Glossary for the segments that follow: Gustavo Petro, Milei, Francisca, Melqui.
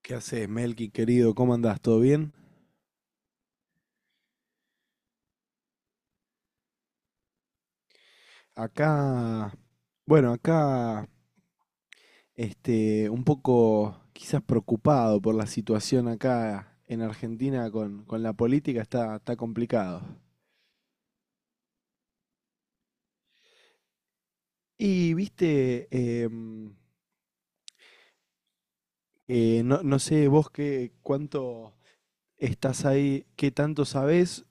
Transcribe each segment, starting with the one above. ¿Qué haces, Melqui, querido? ¿Cómo andás? ¿Todo bien? Acá, bueno, acá, un poco quizás preocupado por la situación acá en Argentina con la política, está complicado. Y, viste, em, no, no sé vos qué, cuánto estás ahí, qué tanto sabés,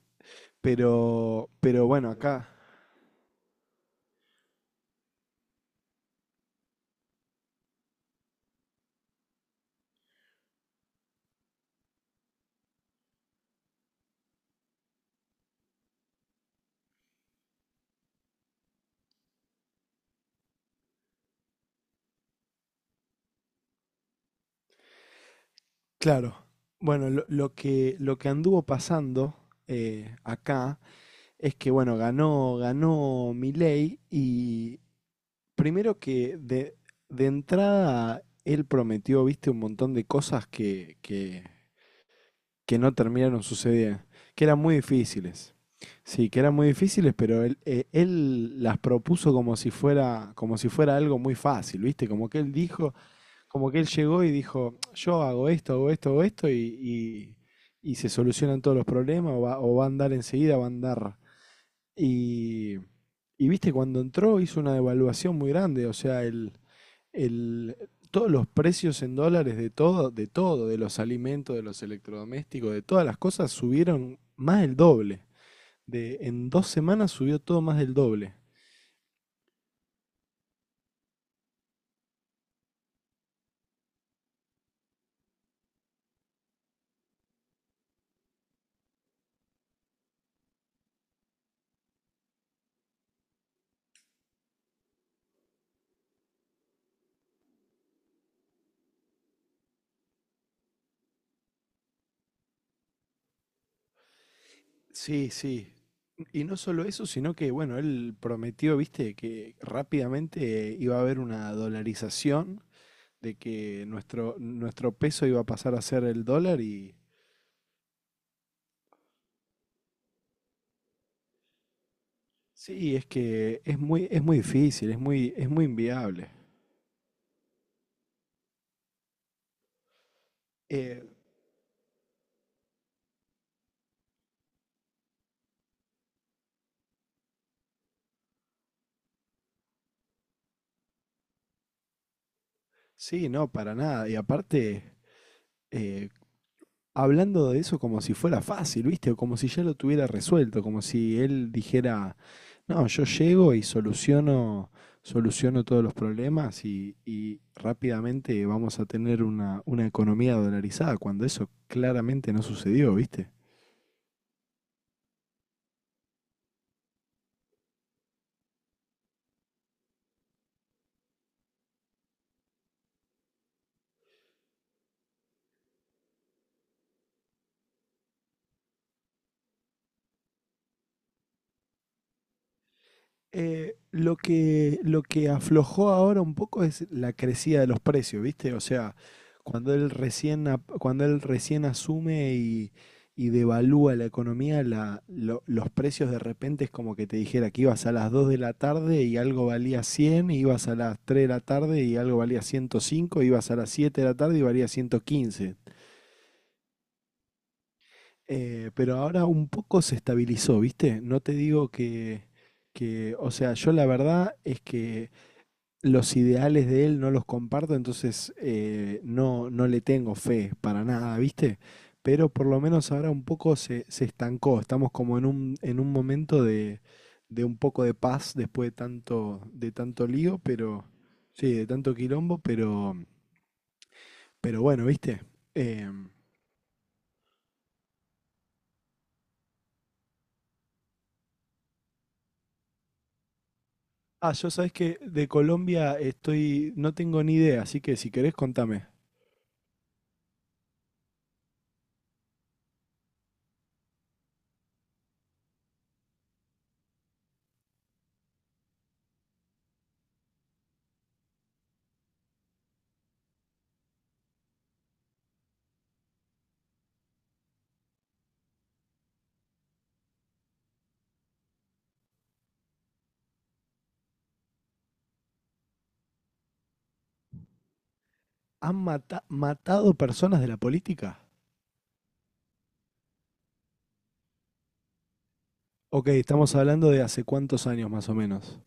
pero bueno, acá, claro, bueno, lo que anduvo pasando acá es que, bueno, ganó Milei y primero de entrada él prometió, viste, un montón de cosas que no terminaron sucediendo, que eran muy difíciles. Sí, que eran muy difíciles, pero él, él las propuso como si fuera algo muy fácil, ¿viste? Como que él dijo, como que él llegó y dijo, yo hago esto, hago esto, hago esto, y- y se solucionan todos los problemas, o va a andar enseguida, va a andar y, y viste, cuando entró hizo una devaluación muy grande, o sea, el, todos los precios en dólares de todo, de todo, de los alimentos, de los electrodomésticos, de todas las cosas, subieron más del doble. En dos semanas subió todo más del doble. Sí, sí. Y no solo eso, sino que, bueno, él prometió, viste, que rápidamente iba a haber una dolarización, de que nuestro peso iba a pasar a ser el dólar y, sí, es que es muy difícil, es muy inviable. Eh, sí, no, para nada. Y aparte, eh, hablando de eso como si fuera fácil, ¿viste? O como si ya lo tuviera resuelto, como si él dijera, no, yo llego y soluciono, soluciono todos los problemas y rápidamente vamos a tener una economía dolarizada, cuando eso claramente no sucedió, ¿viste? Lo que aflojó ahora un poco es la crecida de los precios, ¿viste? O sea, cuando él recién asume y devalúa la economía, los precios de repente es como que te dijera que ibas a las 2 de la tarde y algo valía 100 y ibas a las 3 de la tarde y algo valía ciento cinco, ibas a las 7 de la tarde y valía 115. Pero ahora un poco se estabilizó, ¿viste? No te digo o sea, yo la verdad es que los ideales de él no los comparto, entonces no, no le tengo fe para nada, ¿viste? Pero por lo menos ahora un poco se estancó. Estamos como en un momento de un poco de paz después de tanto lío, pero sí, de tanto quilombo, pero bueno, ¿viste? Em, ah, yo sabes que de Colombia estoy, no tengo ni idea, así que si querés contame. ¿Han matado personas de la política? Ok, estamos hablando de hace cuántos años más o menos.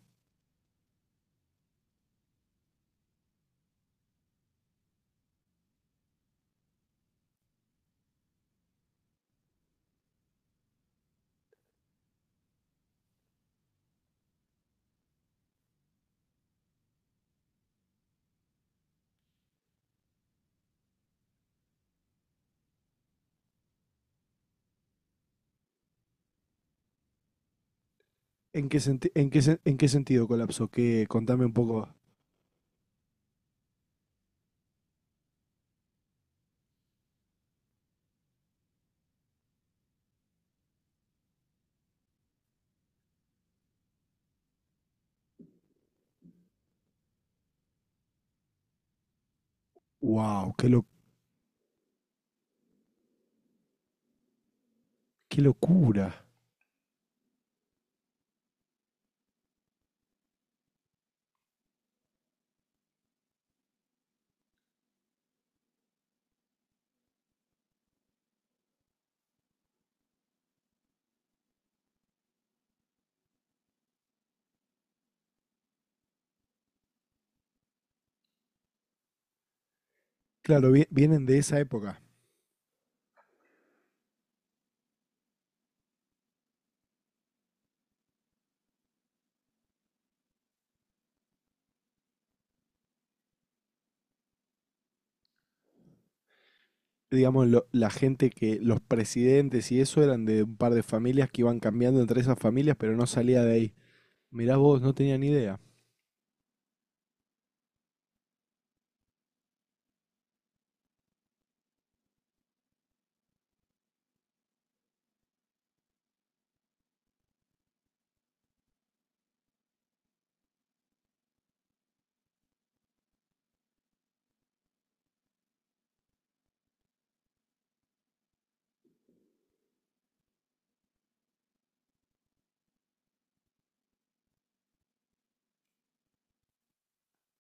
¿En qué senti- en qué sen- en qué sentido colapsó? Que contame un poco. Wow, qué lo- qué locura. Claro, vienen de esa época. Digamos, la gente que, los presidentes y eso eran de un par de familias que iban cambiando entre esas familias, pero no salía de ahí. Mirá vos, no tenía ni idea.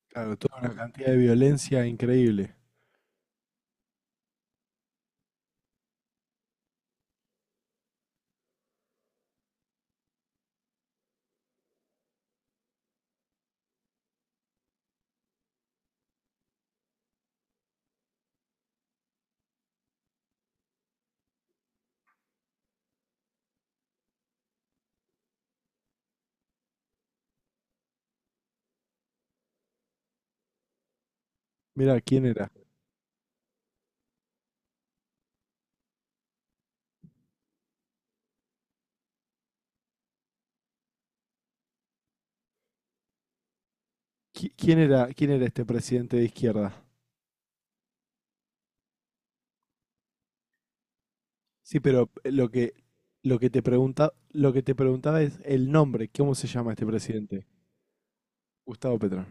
Claro, toda una cantidad de violencia increíble. Mirá, ¿quién era? ¿ quién era este presidente de izquierda? Sí, pero lo que te pregunta, lo que te preguntaba es el nombre, ¿cómo se llama este presidente? Gustavo Petro.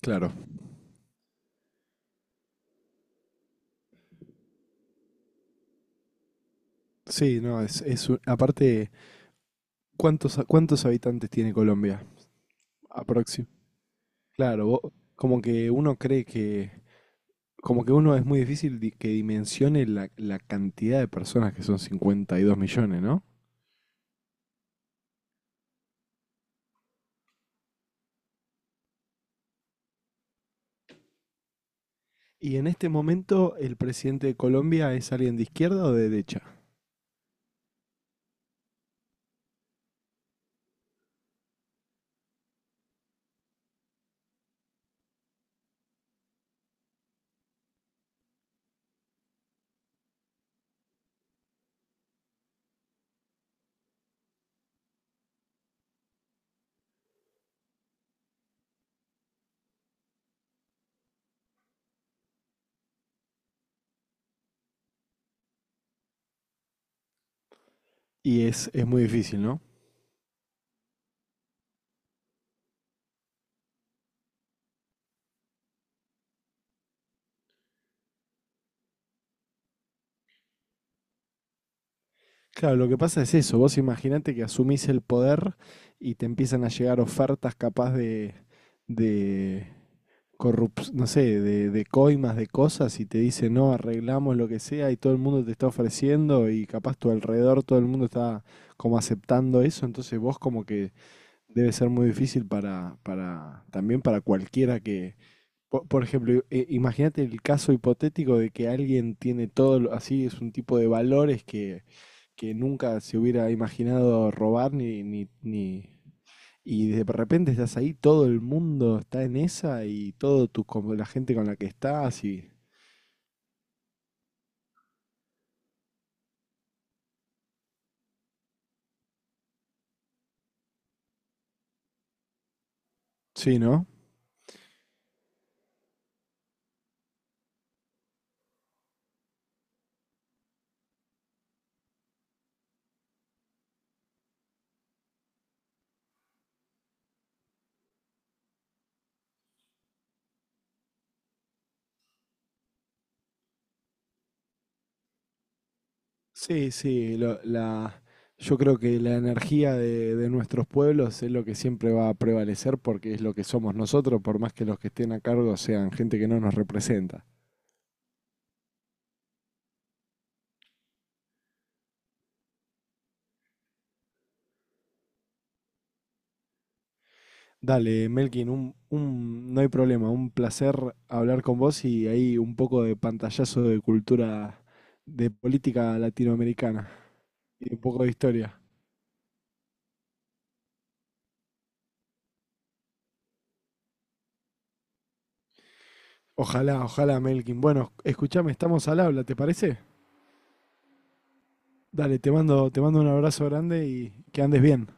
Claro. Sí, no, es un- aparte, cuántos habitantes tiene Colombia? Aproxim. Claro, como que uno cree que, como que uno es muy difícil que dimensione la, la cantidad de personas que son 52 millones, ¿no? Y en este momento, ¿el presidente de Colombia es alguien de izquierda o de derecha? Y es muy difícil, ¿no? Claro, lo que pasa es eso, vos imaginate que asumís el poder y te empiezan a llegar ofertas capaz de no sé, de coimas, de cosas, y te dicen, no, arreglamos lo que sea, y todo el mundo te está ofreciendo, y capaz tu alrededor todo el mundo está como aceptando eso, entonces vos como que debe ser muy difícil para, también para cualquiera que, por ejemplo, imagínate el caso hipotético de que alguien tiene todo, así es un tipo de valores que nunca se hubiera imaginado robar y de repente estás ahí, todo el mundo está en esa y todo tu, como la gente con la que estás y... Sí, ¿no? La, yo creo que la energía de nuestros pueblos es lo que siempre va a prevalecer porque es lo que somos nosotros, por más que los que estén a cargo sean gente que no nos representa. Dale, Melkin, no hay problema, un placer hablar con vos y ahí un poco de pantallazo de cultura, de política latinoamericana y un poco de historia. Ojalá, ojalá, Melkin. Bueno, escuchame, estamos al habla, ¿te parece? Dale, te mando un abrazo grande y que andes bien.